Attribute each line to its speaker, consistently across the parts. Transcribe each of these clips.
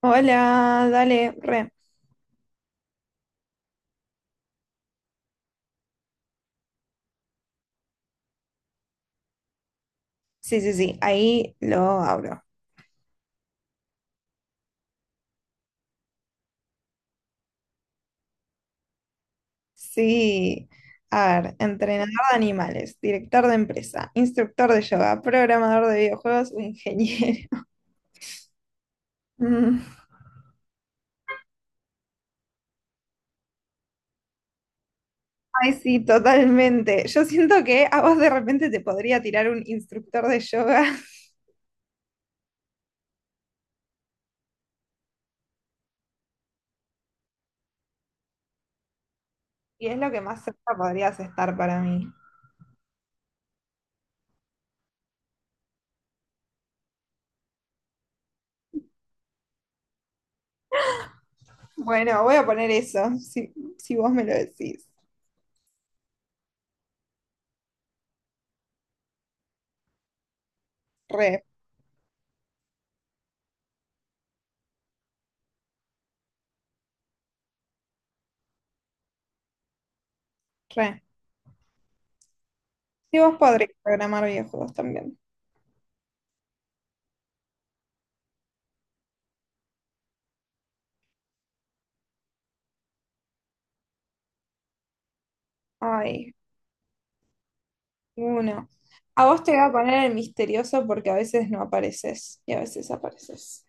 Speaker 1: Hola, dale, re. Sí, sí, sí, ahí lo abro. Sí. A ver, entrenador de animales, director de empresa, instructor de yoga, programador de videojuegos o ingeniero. Mm. Ay, sí, totalmente. Yo siento que a vos de repente te podría tirar un instructor de yoga. Y es lo que más cerca podrías estar para mí. Bueno, voy a poner eso, si, si vos me lo decís. Re, re. Si vos podrías programar videojuegos también. Ay. Uno. A vos te voy a poner el misterioso porque a veces no apareces y a veces apareces.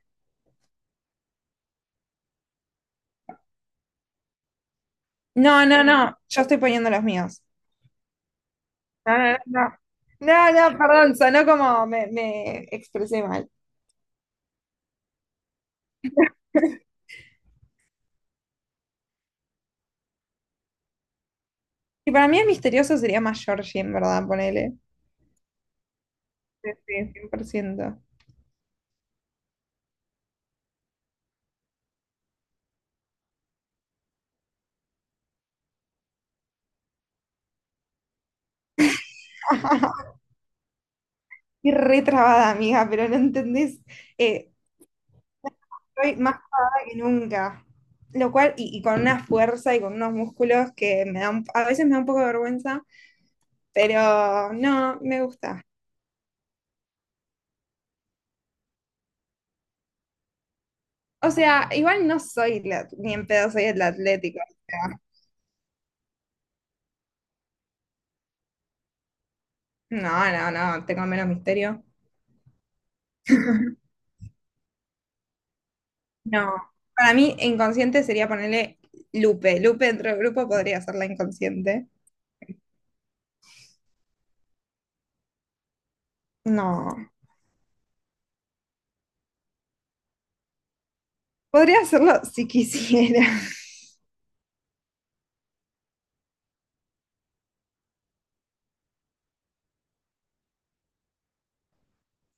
Speaker 1: No, no, no. Yo estoy poniendo los míos. No, no, no. No, no, no, perdón, sonó como me expresé mal. Y para mí el misterioso sería más Georgie, en verdad, ponele. Sí, sí, 100%. Y re trabada, amiga, pero no entendés. Eh, Estoy más trabada que nunca. Lo cual, y con una fuerza y con unos músculos que me dan, a veces me da un poco de vergüenza. Pero no, me gusta. O sea, igual no soy la- ni en pedo soy el Atlético. O sea, no, no, no, tengo menos misterio. No. Para mí, inconsciente sería ponerle Lupe. Lupe dentro del grupo podría ser la inconsciente. No. Podría hacerlo si quisiera.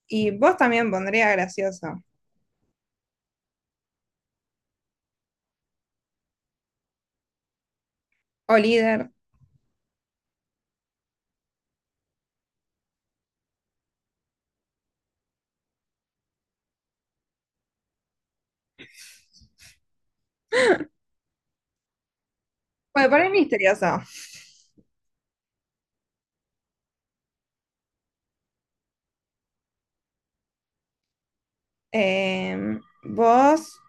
Speaker 1: Y vos también pondría gracioso. O líder. Bueno, poner misterioso. Vos.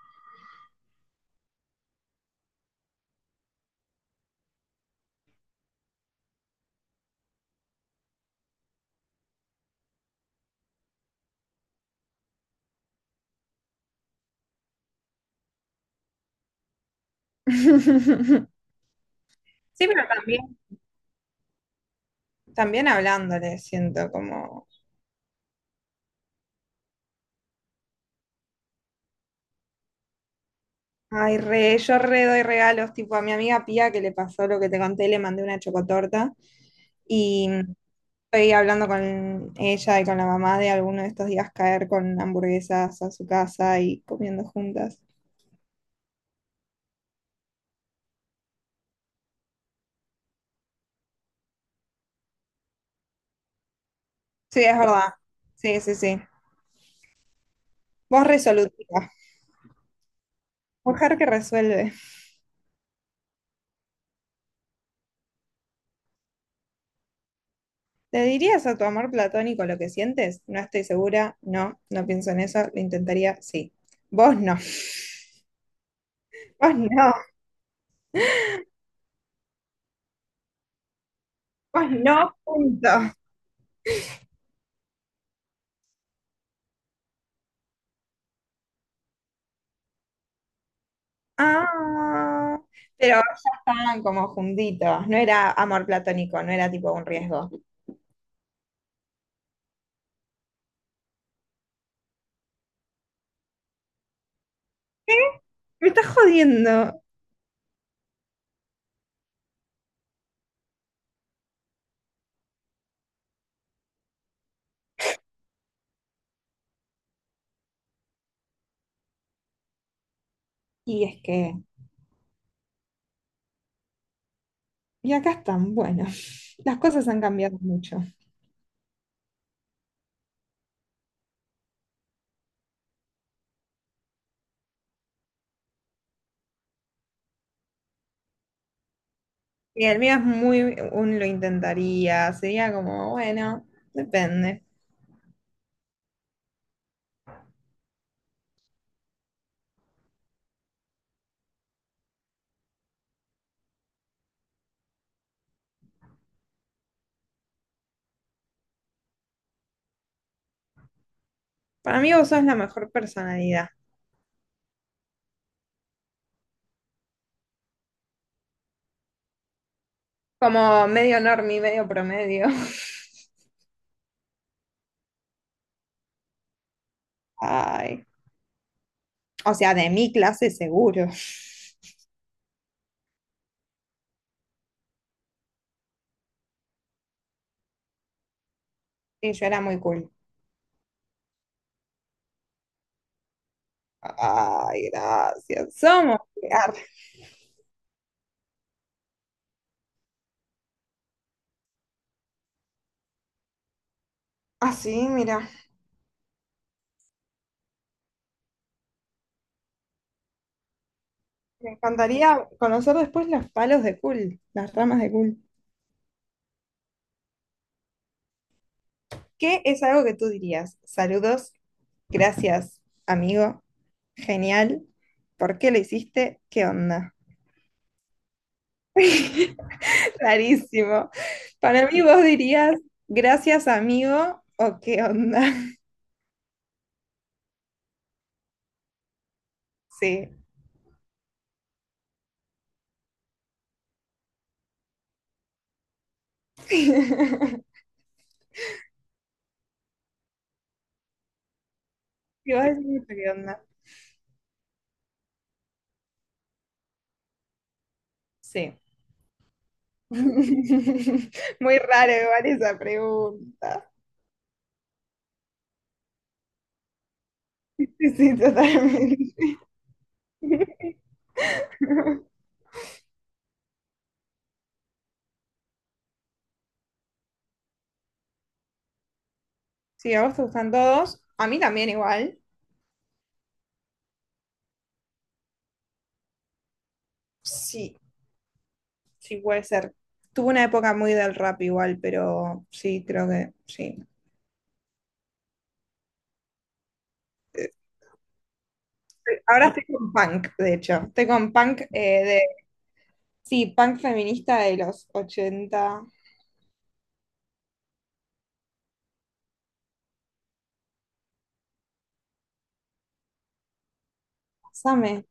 Speaker 1: Sí, pero también, también hablándole, siento como. Ay, re, yo re doy regalos, tipo a mi amiga Pía que le pasó lo que te conté, le mandé una chocotorta y estoy hablando con ella y con la mamá de alguno de estos días caer con hamburguesas a su casa y comiendo juntas. Sí, es verdad. Sí, sí, sí. Vos resolutiva, mujer que resuelve. ¿Le dirías a tu amor platónico lo que sientes? No estoy segura, no, no pienso en eso, lo intentaría, sí. Vos no, vos no, vos no, punto. Ah, pero ya estaban como juntitos. No era amor platónico, no era tipo un riesgo. Me estás jodiendo. Y es que, y acá están, bueno, las cosas han cambiado mucho. Y el mío es muy, un lo intentaría, sería como, bueno, depende. Para mí vos sos la mejor personalidad. Como medio normie, medio promedio. Ay. O sea, de mi clase seguro. Sí, yo era muy cool. Ay, gracias. Somos. Ah. Ah, sí, mira. Me encantaría conocer después los palos de Cool, las ramas de Cool. ¿Qué es algo que tú dirías? Saludos, gracias, amigo, genial. ¿Por qué lo hiciste? ¿Qué onda? Rarísimo. Para mí vos dirías, gracias, amigo, o qué onda. Sí. Y vos decís mucho qué onda. Sí. Muy raro igual esa pregunta. Sí, sí, totalmente. Sí, a vos te gustan todos. A mí también igual. Sí, sí puede ser. Tuve una época muy del rap igual, pero sí, creo que sí. Ahora estoy con punk, de hecho. Estoy con punk. Sí, punk feminista de los ochenta. Same.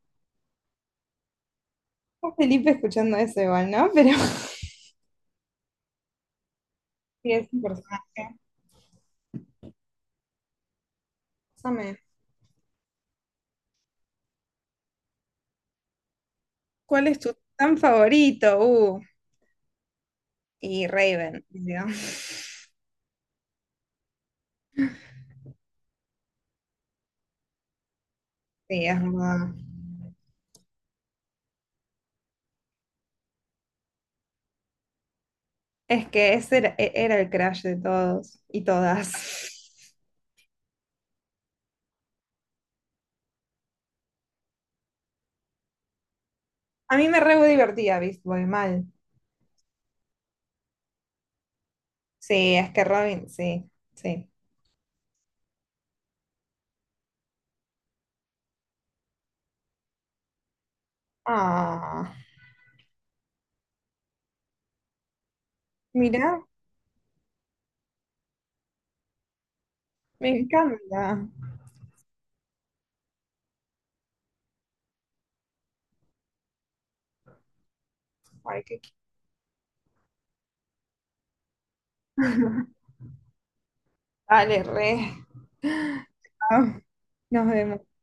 Speaker 1: Está Felipe escuchando eso igual, ¿no? Pero sí, es un personaje. Same. ¿Cuál es tu tan favorito? Y Raven, digo. Sí, es verdad. Es que ese era, era el crush de todos y todas. A mí me re divertía Beast Boy, mal. Sí, es que Robin, sí, sí. Ah, mira, me encanta. Ay, qué... qui- Dale, re. Chao, nos vemos.